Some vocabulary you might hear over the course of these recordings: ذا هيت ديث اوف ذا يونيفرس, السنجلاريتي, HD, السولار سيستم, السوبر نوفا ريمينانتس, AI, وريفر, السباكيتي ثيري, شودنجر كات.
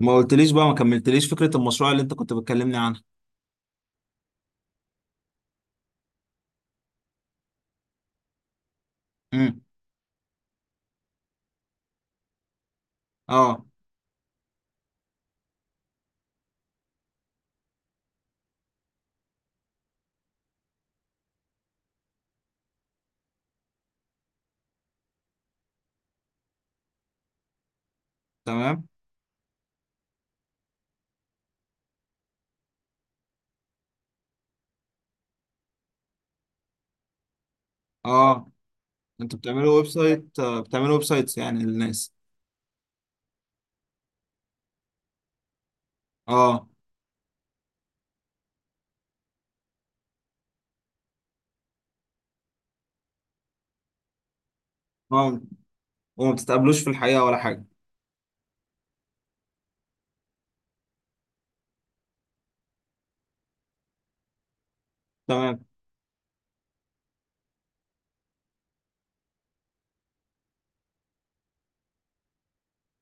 ما قلتليش بقى ما كملتليش فكرة المشروع اللي انت كنت بتكلمني عنها؟ امم. اه. تمام. اه. انتوا بتعملوا ويب سايت، بتعملوا ويب سايتس يعني للناس؟ اه. اه، وما بتتقابلوش في الحقيقة ولا حاجة؟ تمام.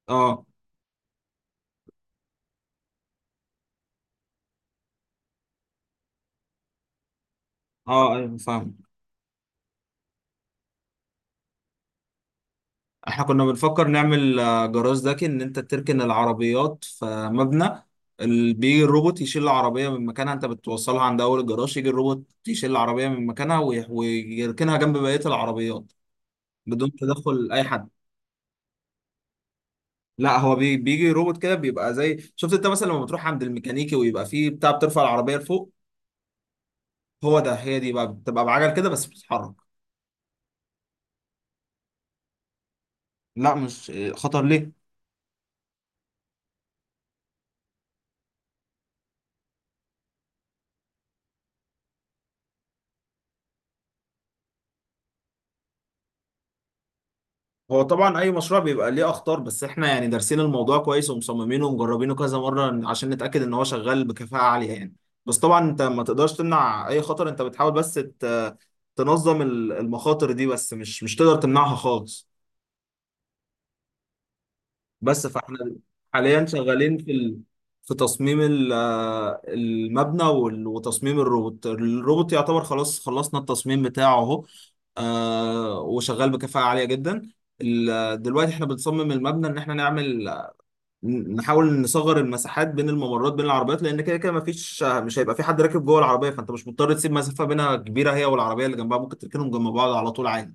اه. اه، ايوه، فاهم. احنا كنا بنفكر نعمل جراج ذكي ان انت تركن العربيات في مبنى. بيجي الروبوت يشيل العربية من مكانها، انت بتوصلها عند اول الجراج، يجي الروبوت يشيل العربية من مكانها ويركنها جنب بقية العربيات بدون تدخل اي حد. لا، بيجي روبوت كده، بيبقى زي شفت انت مثلا لما بتروح عند الميكانيكي ويبقى فيه بتاع بترفع العربيه لفوق. هو ده هي دي بقى بتبقى بعجل كده بس بتتحرك. لا، مش خطر ليه؟ هو طبعا اي مشروع بيبقى ليه اخطار، بس احنا يعني دارسين الموضوع كويس ومصممينه ومجربينه كذا مره عشان نتاكد ان هو شغال بكفاءه عاليه يعني. بس طبعا انت ما تقدرش تمنع اي خطر، انت بتحاول بس تنظم المخاطر دي، بس مش تقدر تمنعها خالص. بس فاحنا حاليا شغالين في تصميم المبنى وتصميم الروبوت. الروبوت يعتبر خلاص خلصنا التصميم بتاعه اهو، وشغال بكفاءة عالية جدا. دلوقتي احنا بنصمم المبنى ان احنا نحاول نصغر المساحات بين الممرات بين العربيات، لان كده كده مش هيبقى في حد راكب جوه العربيه، فانت مش مضطر تسيب مسافه بينها كبيره هي والعربيه اللي جنبها، ممكن تركنهم جنب بعض على طول عادي.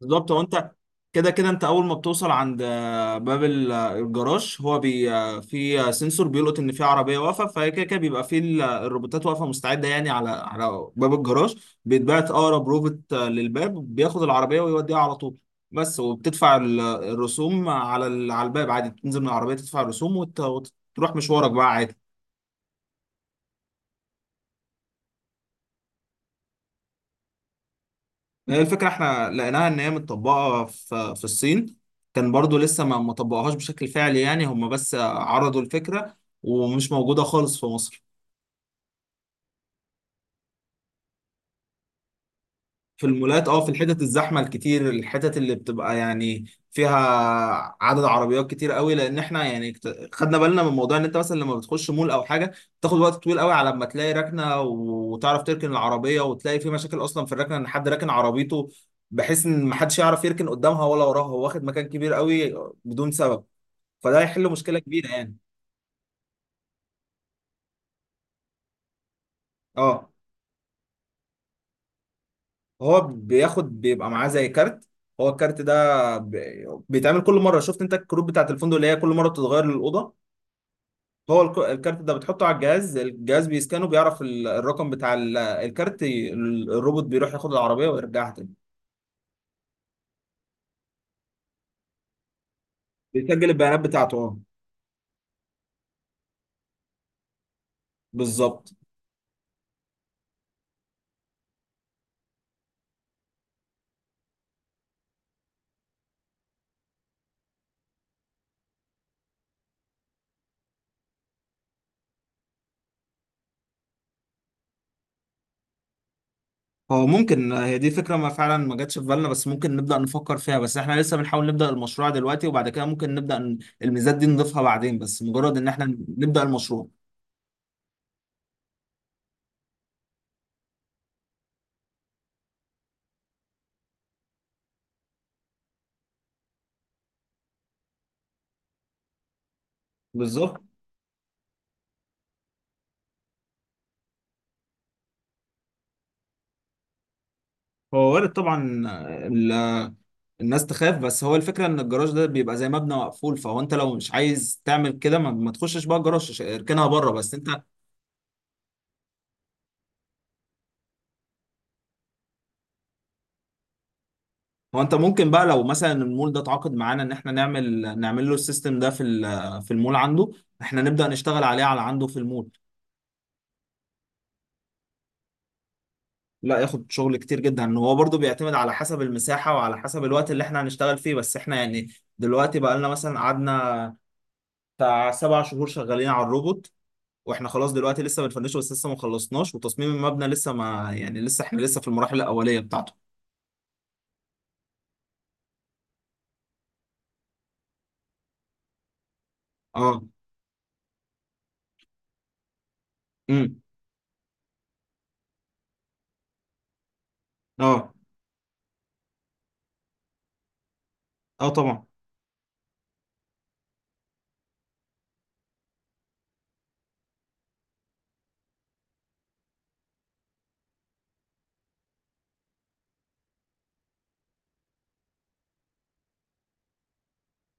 بالظبط. هو انت كده كده انت اول ما بتوصل عند باب الجراج، هو بي آه، في سنسور بيلقط ان في عربيه واقفه، فهي كده كده بيبقى في الروبوتات واقفه مستعده يعني على باب الجراج. بيتبعت اقرب روبوت للباب، بياخد العربيه ويوديها على طول. بس وبتدفع الرسوم على الباب عادي، تنزل من العربيه تدفع الرسوم وتروح مشوارك بقى عادي. هي الفكرة احنا لقيناها ان هي متطبقة في الصين. كان برضو لسه ما طبقوهاش بشكل فعلي يعني، هم بس عرضوا الفكرة، ومش موجودة خالص في مصر. في المولات، في الحتت الزحمه الكتير، الحتت اللي بتبقى يعني فيها عدد عربيات كتير قوي، لان احنا يعني خدنا بالنا من موضوع ان انت مثلا لما بتخش مول او حاجه بتاخد وقت طويل قوي على ما تلاقي ركنه وتعرف تركن العربيه، وتلاقي في مشاكل اصلا في الركنه ان حد راكن عربيته بحيث ان محدش يعرف يركن قدامها ولا وراها، هو واخد مكان كبير قوي بدون سبب، فده هيحل مشكله كبيره يعني. اه، هو بياخد، بيبقى معاه زي كارت. هو الكارت ده بيتعمل كل مره، شفت انت الكروت بتاعت الفندق اللي هي كل مره بتتغير للاوضه؟ هو الكارت ده بتحطه على الجهاز بيسكانه بيعرف الرقم بتاع الكارت، الروبوت بيروح ياخد العربيه ويرجعها تاني. بيسجل البيانات بتاعته، اه. بالظبط. هو ممكن، هي دي فكره ما فعلا ما جاتش في بالنا، بس ممكن نبدا نفكر فيها، بس احنا لسه بنحاول نبدا المشروع دلوقتي، وبعد كده ممكن نبدا الميزات دي نضيفها بعدين، بس مجرد ان احنا نبدا المشروع. بالظبط. هو وارد طبعا ال- الناس تخاف، بس هو الفكرة ان الجراج ده بيبقى زي مبنى مقفول، فهو انت لو مش عايز تعمل كده ما تخشش بقى الجراج، اركنها بره بس انت. هو انت ممكن بقى لو مثلا المول ده اتعاقد معانا ان احنا نعمل له السيستم ده في المول عنده، احنا نبدأ نشتغل على عنده في المول. لا، ياخد شغل كتير جدا، ان هو برضو بيعتمد على حسب المساحة وعلى حسب الوقت اللي احنا هنشتغل فيه، بس احنا يعني دلوقتي بقى لنا مثلا قعدنا بتاع 7 شهور شغالين على الروبوت، واحنا خلاص دلوقتي لسه بنفنشه بس لسه ما خلصناش، وتصميم المبنى لسه ما يعني، لسه احنا لسه في المراحل الاوليه بتاعته. اه. امم. اه. اه، طبعا.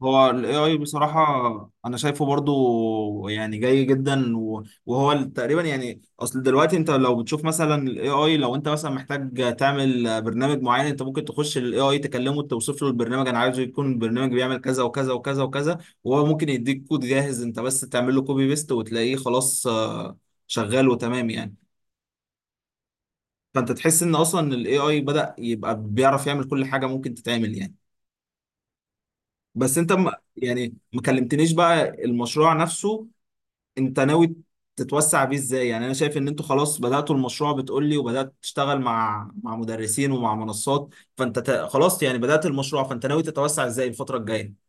هو ال AI بصراحة أنا شايفه برضو يعني جاي جدا، وهو تقريبا يعني أصل دلوقتي أنت لو بتشوف مثلا ال AI، لو أنت مثلا محتاج تعمل برنامج معين أنت ممكن تخش ال AI تكلمه توصف له البرنامج، أنا عايزه يكون البرنامج بيعمل كذا وكذا وكذا وكذا، وهو ممكن يديك كود جاهز، أنت بس تعمل له كوبي بيست وتلاقيه خلاص شغال وتمام يعني. فأنت تحس إن أصلا ال AI بدأ يبقى بيعرف يعمل كل حاجة ممكن تتعمل يعني. بس أنت يعني ما كلمتنيش بقى المشروع نفسه، انت ناوي تتوسع بيه ازاي؟ يعني انا شايف ان انتوا خلاص بدأتوا المشروع بتقولي، وبدأت تشتغل مع مدرسين ومع منصات، فانت خلاص يعني بدأت المشروع، فانت ناوي تتوسع ازاي الفترة الجاية؟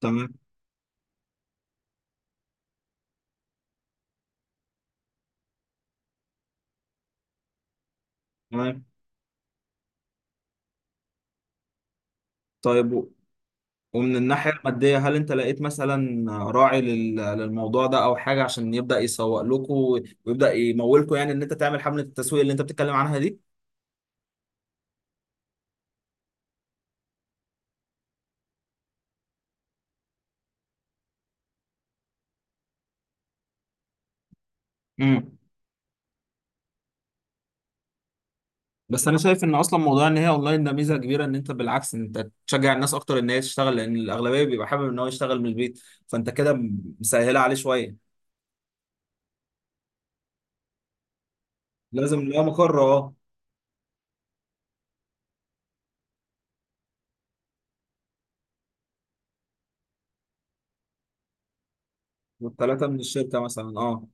تمام. تمام. طيب، ومن الناحية المادية هل انت لقيت مثلا راعي للموضوع ده او حاجة عشان يبدأ يسوق لكم ويبدأ يمولكم، يعني ان انت تعمل حملة التسويق اللي انت بتتكلم عنها دي؟ بس انا شايف ان اصلا موضوع ان هي اونلاين ده ميزه كبيره، ان انت بالعكس انت تشجع الناس اكتر ان هي تشتغل، لان الاغلبيه بيبقى حابب ان هو يشتغل من البيت، فانت كده مسهله عليه شويه. لازم اللي هو مقر، اه. والثلاثه من الشركه مثلا، اه.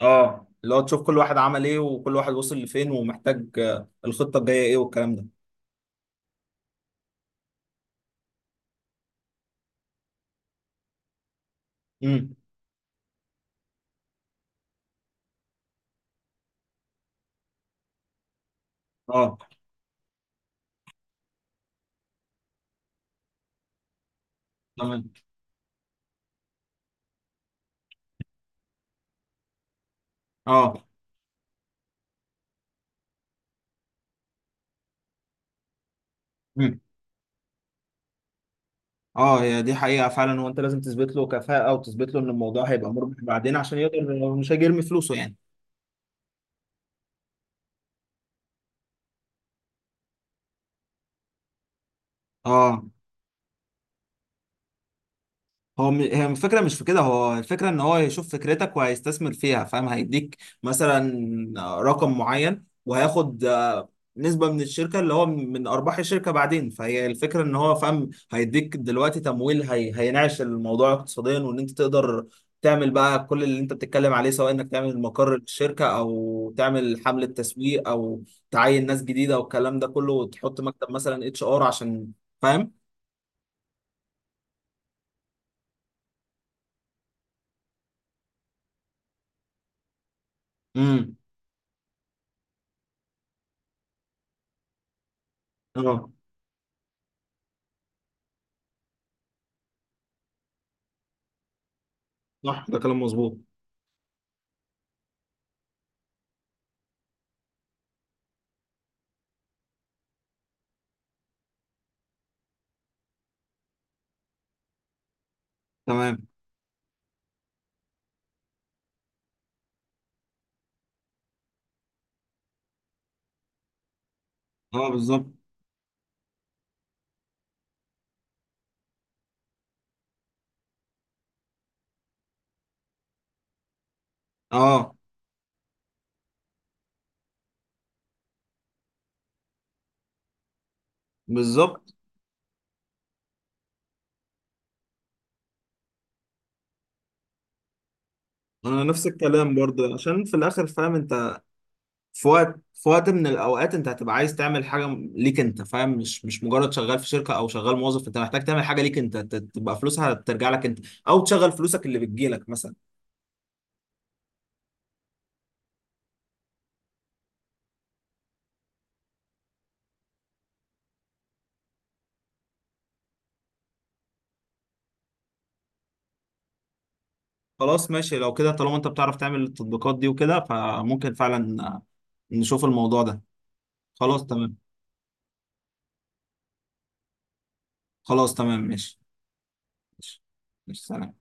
اه، اللي هو تشوف كل واحد عمل ايه وكل واحد وصل لفين، ومحتاج الخطه الجايه ايه والكلام ده. امم. اه. تمام. اه. امم. اه، هي دي حقيقه فعلا، وانت لازم تثبت له كفاءه وتثبت له ان الموضوع هيبقى مربح بعدين عشان يقدر، مش هيجي يرمي فلوسه يعني. اه، هو هي الفكرة مش في كده، هو الفكرة ان هو يشوف فكرتك وهيستثمر فيها، فاهم؟ هيديك مثلا رقم معين وهياخد نسبة من الشركة، اللي هو من أرباح الشركة بعدين، فهي الفكرة ان هو، فاهم، هيديك دلوقتي تمويل، هينعش الموضوع اقتصاديا، وان انت تقدر تعمل بقى كل اللي انت بتتكلم عليه، سواء انك تعمل مقر للشركة او تعمل حملة تسويق او تعين ناس جديدة والكلام ده كله، وتحط مكتب مثلا HR عشان، فاهم. امم. اه، صح، ده كلام مظبوط. تمام. اه، بالظبط. اه، بالظبط. انا نفس الكلام برضه، عشان في الاخر فاهم انت، في وقت من الاوقات انت هتبقى عايز تعمل حاجه ليك انت، فاهم؟ مش مجرد شغال في شركه او شغال موظف، انت محتاج تعمل حاجه ليك انت تبقى فلوسها ترجع لك انت، او تشغل فلوسك اللي بتجيلك مثلا. خلاص، ماشي لو كده. طالما انت بتعرف تعمل التطبيقات دي وكده، فممكن فعلا نشوف الموضوع ده. خلاص تمام. خلاص تمام، ماشي. ماشي. ماشي، سلام.